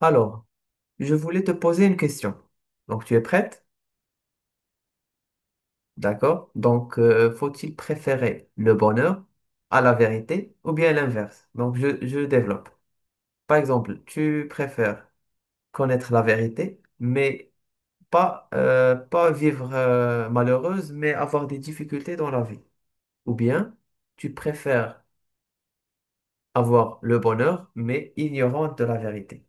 Alors, je voulais te poser une question. Donc, tu es prête? D'accord. Donc, faut-il préférer le bonheur à la vérité ou bien l'inverse? Donc, je développe. Par exemple, tu préfères connaître la vérité, mais pas vivre malheureuse, mais avoir des difficultés dans la vie. Ou bien, tu préfères avoir le bonheur, mais ignorante de la vérité.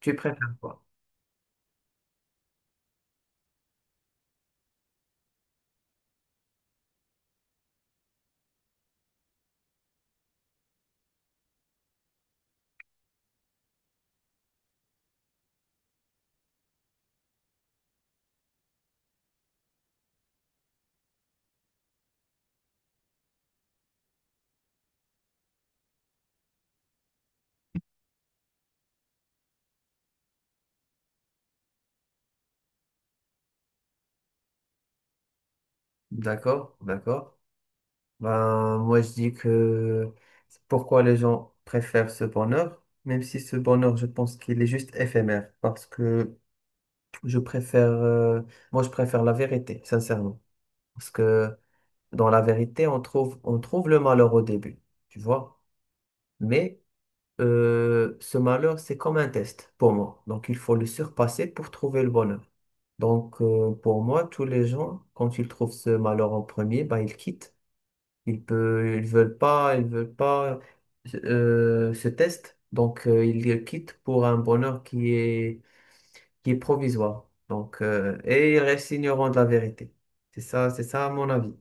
Tu préfères quoi? D'accord, d'accord. Ben, moi, je dis que c'est pourquoi les gens préfèrent ce bonheur, même si ce bonheur, je pense qu'il est juste éphémère, parce que je préfère, euh, moi, je préfère la vérité, sincèrement. Parce que dans la vérité, on trouve le malheur au début, tu vois. Mais ce malheur, c'est comme un test pour moi. Donc, il faut le surpasser pour trouver le bonheur. Donc, pour moi, tous les gens, quand ils trouvent ce malheur en premier, ben, ils quittent. Ils veulent pas ce test, donc ils le quittent pour un bonheur qui est provisoire. Et ils restent ignorants de la vérité. C'est ça à mon avis.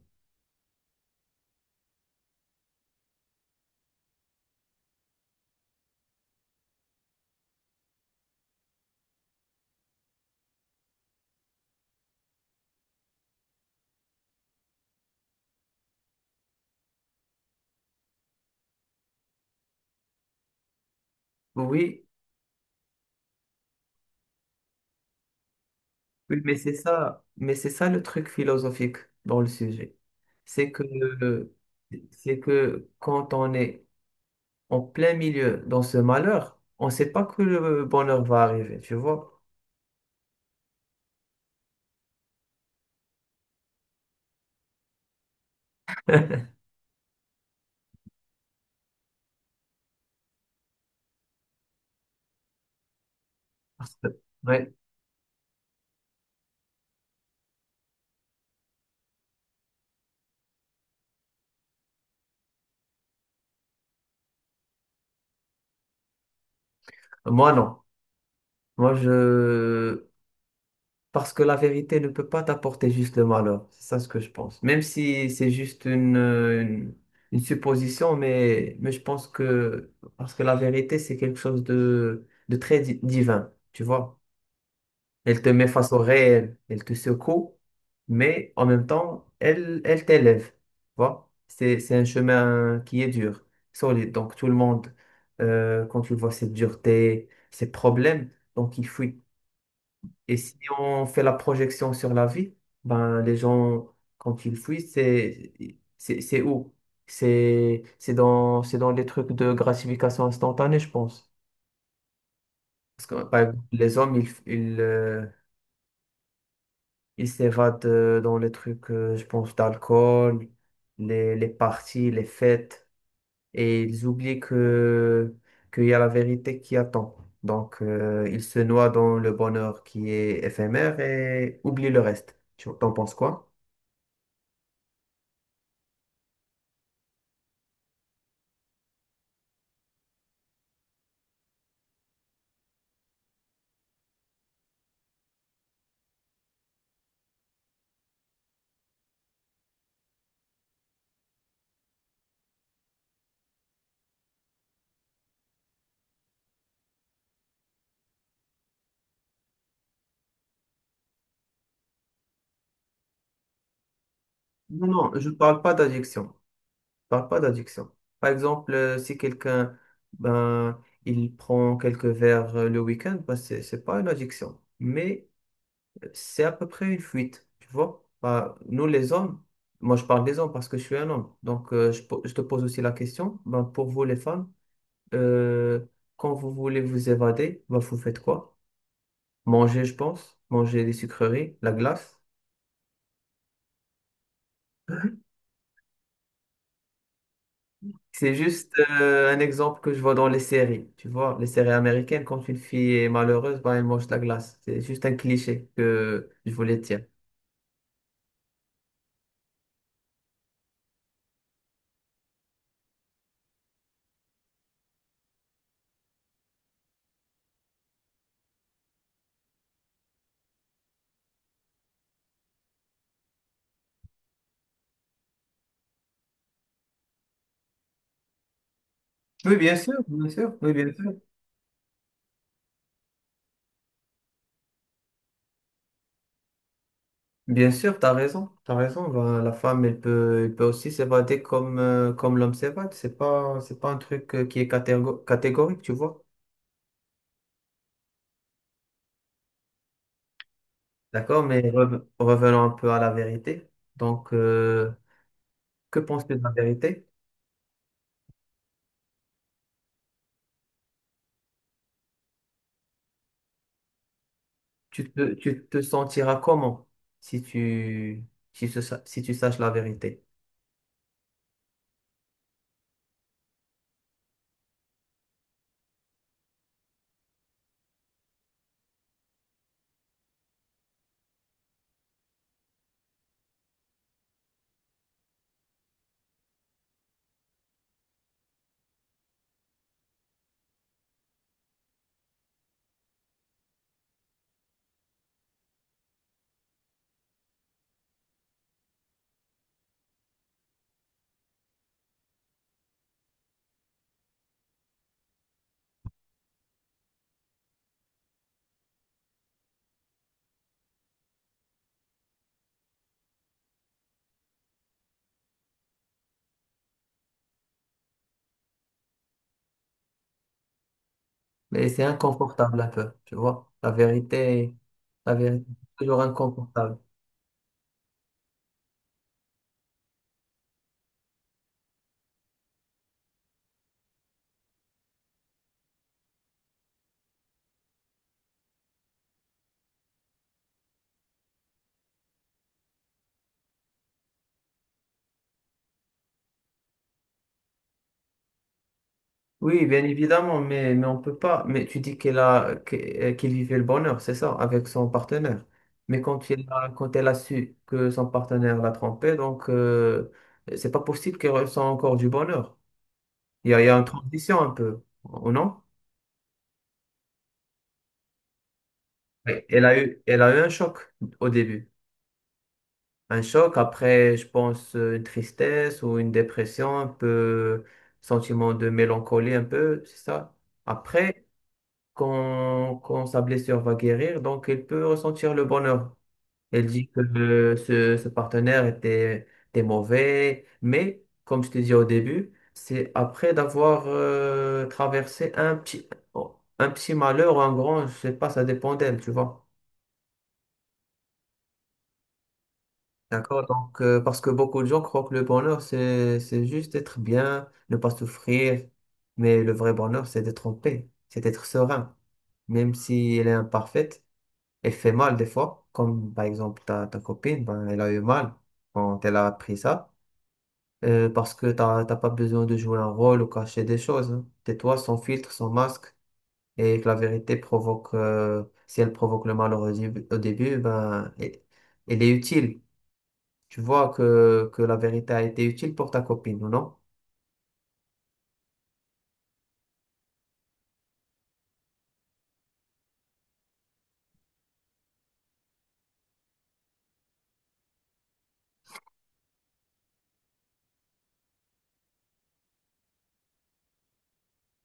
Oui, oui, mais c'est ça le truc philosophique dans le sujet. C'est que c'est que quand on est en plein milieu dans ce malheur, on ne sait pas que le bonheur va arriver, tu vois. Parce que- ouais, moi non. Moi, je, Parce que la vérité ne peut pas t'apporter juste le malheur. C'est ça ce que je pense. Même si c'est juste une supposition, mais je pense que... Parce que la vérité, c'est quelque chose de très divin, tu vois. Elle te met face au réel, elle te secoue, mais en même temps, elle t'élève, tu vois. C'est un chemin qui est dur, solide. Donc tout le monde, quand tu vois cette dureté, ces problèmes, donc il faut, et si on fait la projection sur la vie, ben, les gens, quand ils fuient, c'est où? C'est dans les trucs de gratification instantanée, je pense. Parce que, par exemple, les hommes, ils s'évadent dans les trucs, je pense, d'alcool, les parties, les fêtes, et ils oublient qu'il y a la vérité qui attend. Donc, ils se noient dans le bonheur qui est éphémère et oublient le reste. T'en penses quoi? Non, non, je ne parle pas d'addiction. Je parle pas d'addiction. Par exemple, si quelqu'un, ben, il prend quelques verres le week-end, ben, c'est pas une addiction. Mais c'est à peu près une fuite, tu vois. Ben, nous, les hommes, moi, je parle des hommes parce que je suis un homme. Donc, je te pose aussi la question, ben, pour vous, les femmes, euh, quand vous voulez vous évader, ben, vous faites quoi? Manger, je pense. Manger des sucreries, la glace. C'est juste un exemple que je vois dans les séries. Tu vois, les séries américaines, quand une fille est malheureuse, ben, elle mange de la glace. C'est juste un cliché que je voulais dire. Oui, bien sûr, oui, bien sûr. Bien sûr, t'as raison, t'as raison. Ben, la femme, elle peut aussi s'évader comme, comme l'homme s'évade. C'est pas un truc qui est catégorique, tu vois. D'accord, mais revenons un peu à la vérité. Donc, que penses-tu de la vérité? Tu te sentiras comment si tu, si tu saches la vérité? Mais c'est inconfortable un peu, tu vois. La vérité, c'est toujours inconfortable. Oui, bien évidemment, mais on peut pas. Mais tu dis qu'il vivait le bonheur, c'est ça, avec son partenaire. Mais quand elle a su que son partenaire l'a trompé, donc c'est pas possible qu'elle ressent encore du bonheur. Il y a une transition un peu, ou non? Oui, elle a eu un choc au début. Un choc, après, je pense, une tristesse ou une dépression, un peu sentiment de mélancolie, un peu, c'est ça. Après, quand sa blessure va guérir, donc il peut ressentir le bonheur. Elle dit que ce partenaire était mauvais, mais comme je te dis au début, c'est après d'avoir traversé un petit malheur ou un grand, je sais pas, ça dépend d'elle, tu vois. D'accord, donc parce que beaucoup de gens croient que le bonheur, c'est juste être bien, ne pas souffrir, mais le vrai bonheur, c'est d'être en paix, c'est d'être serein, même si elle est imparfaite, elle fait mal des fois, comme par exemple ta copine, ben, elle a eu mal quand elle a appris ça, parce que t'as pas besoin de jouer un rôle ou cacher des choses, hein. Tais-toi sans filtre, sans masque, et que la vérité provoque, si elle provoque le mal au début, ben, elle est utile. Tu vois que la vérité a été utile pour ta copine, ou non?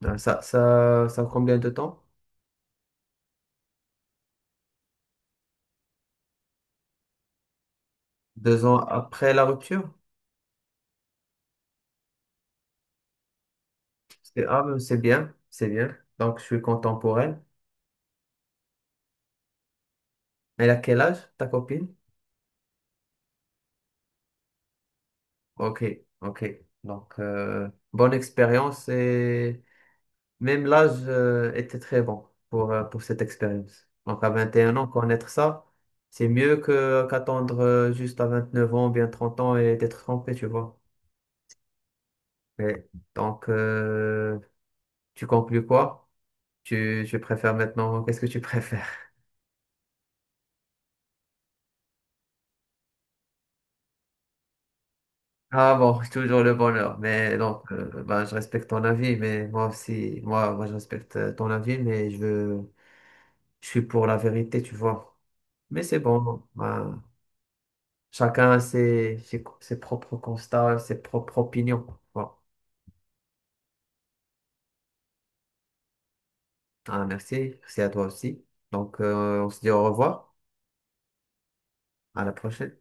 Ça combien de temps? 2 ans après la rupture? Mais c'est bien, c'est bien. Donc, je suis content pour elle. Elle a quel âge, ta copine? Ok, ok. Donc, bonne expérience et même l'âge était très bon pour cette expérience. Donc, à 21 ans, connaître ça, c'est mieux que qu'attendre juste à 29 ans, bien 30 ans et d'être trompé, tu vois. Mais donc, tu conclus quoi? Tu préfères maintenant, qu'est-ce que tu préfères? Ah bon, toujours le bonheur. Mais donc, ben, je respecte ton avis, mais moi aussi, moi, je respecte ton avis, mais je veux, je suis pour la vérité, tu vois. Mais c'est bon, ben, chacun a ses, ses propres constats, ses propres opinions. Bon. Ah, merci, merci à toi aussi. Donc, on se dit au revoir, à la prochaine.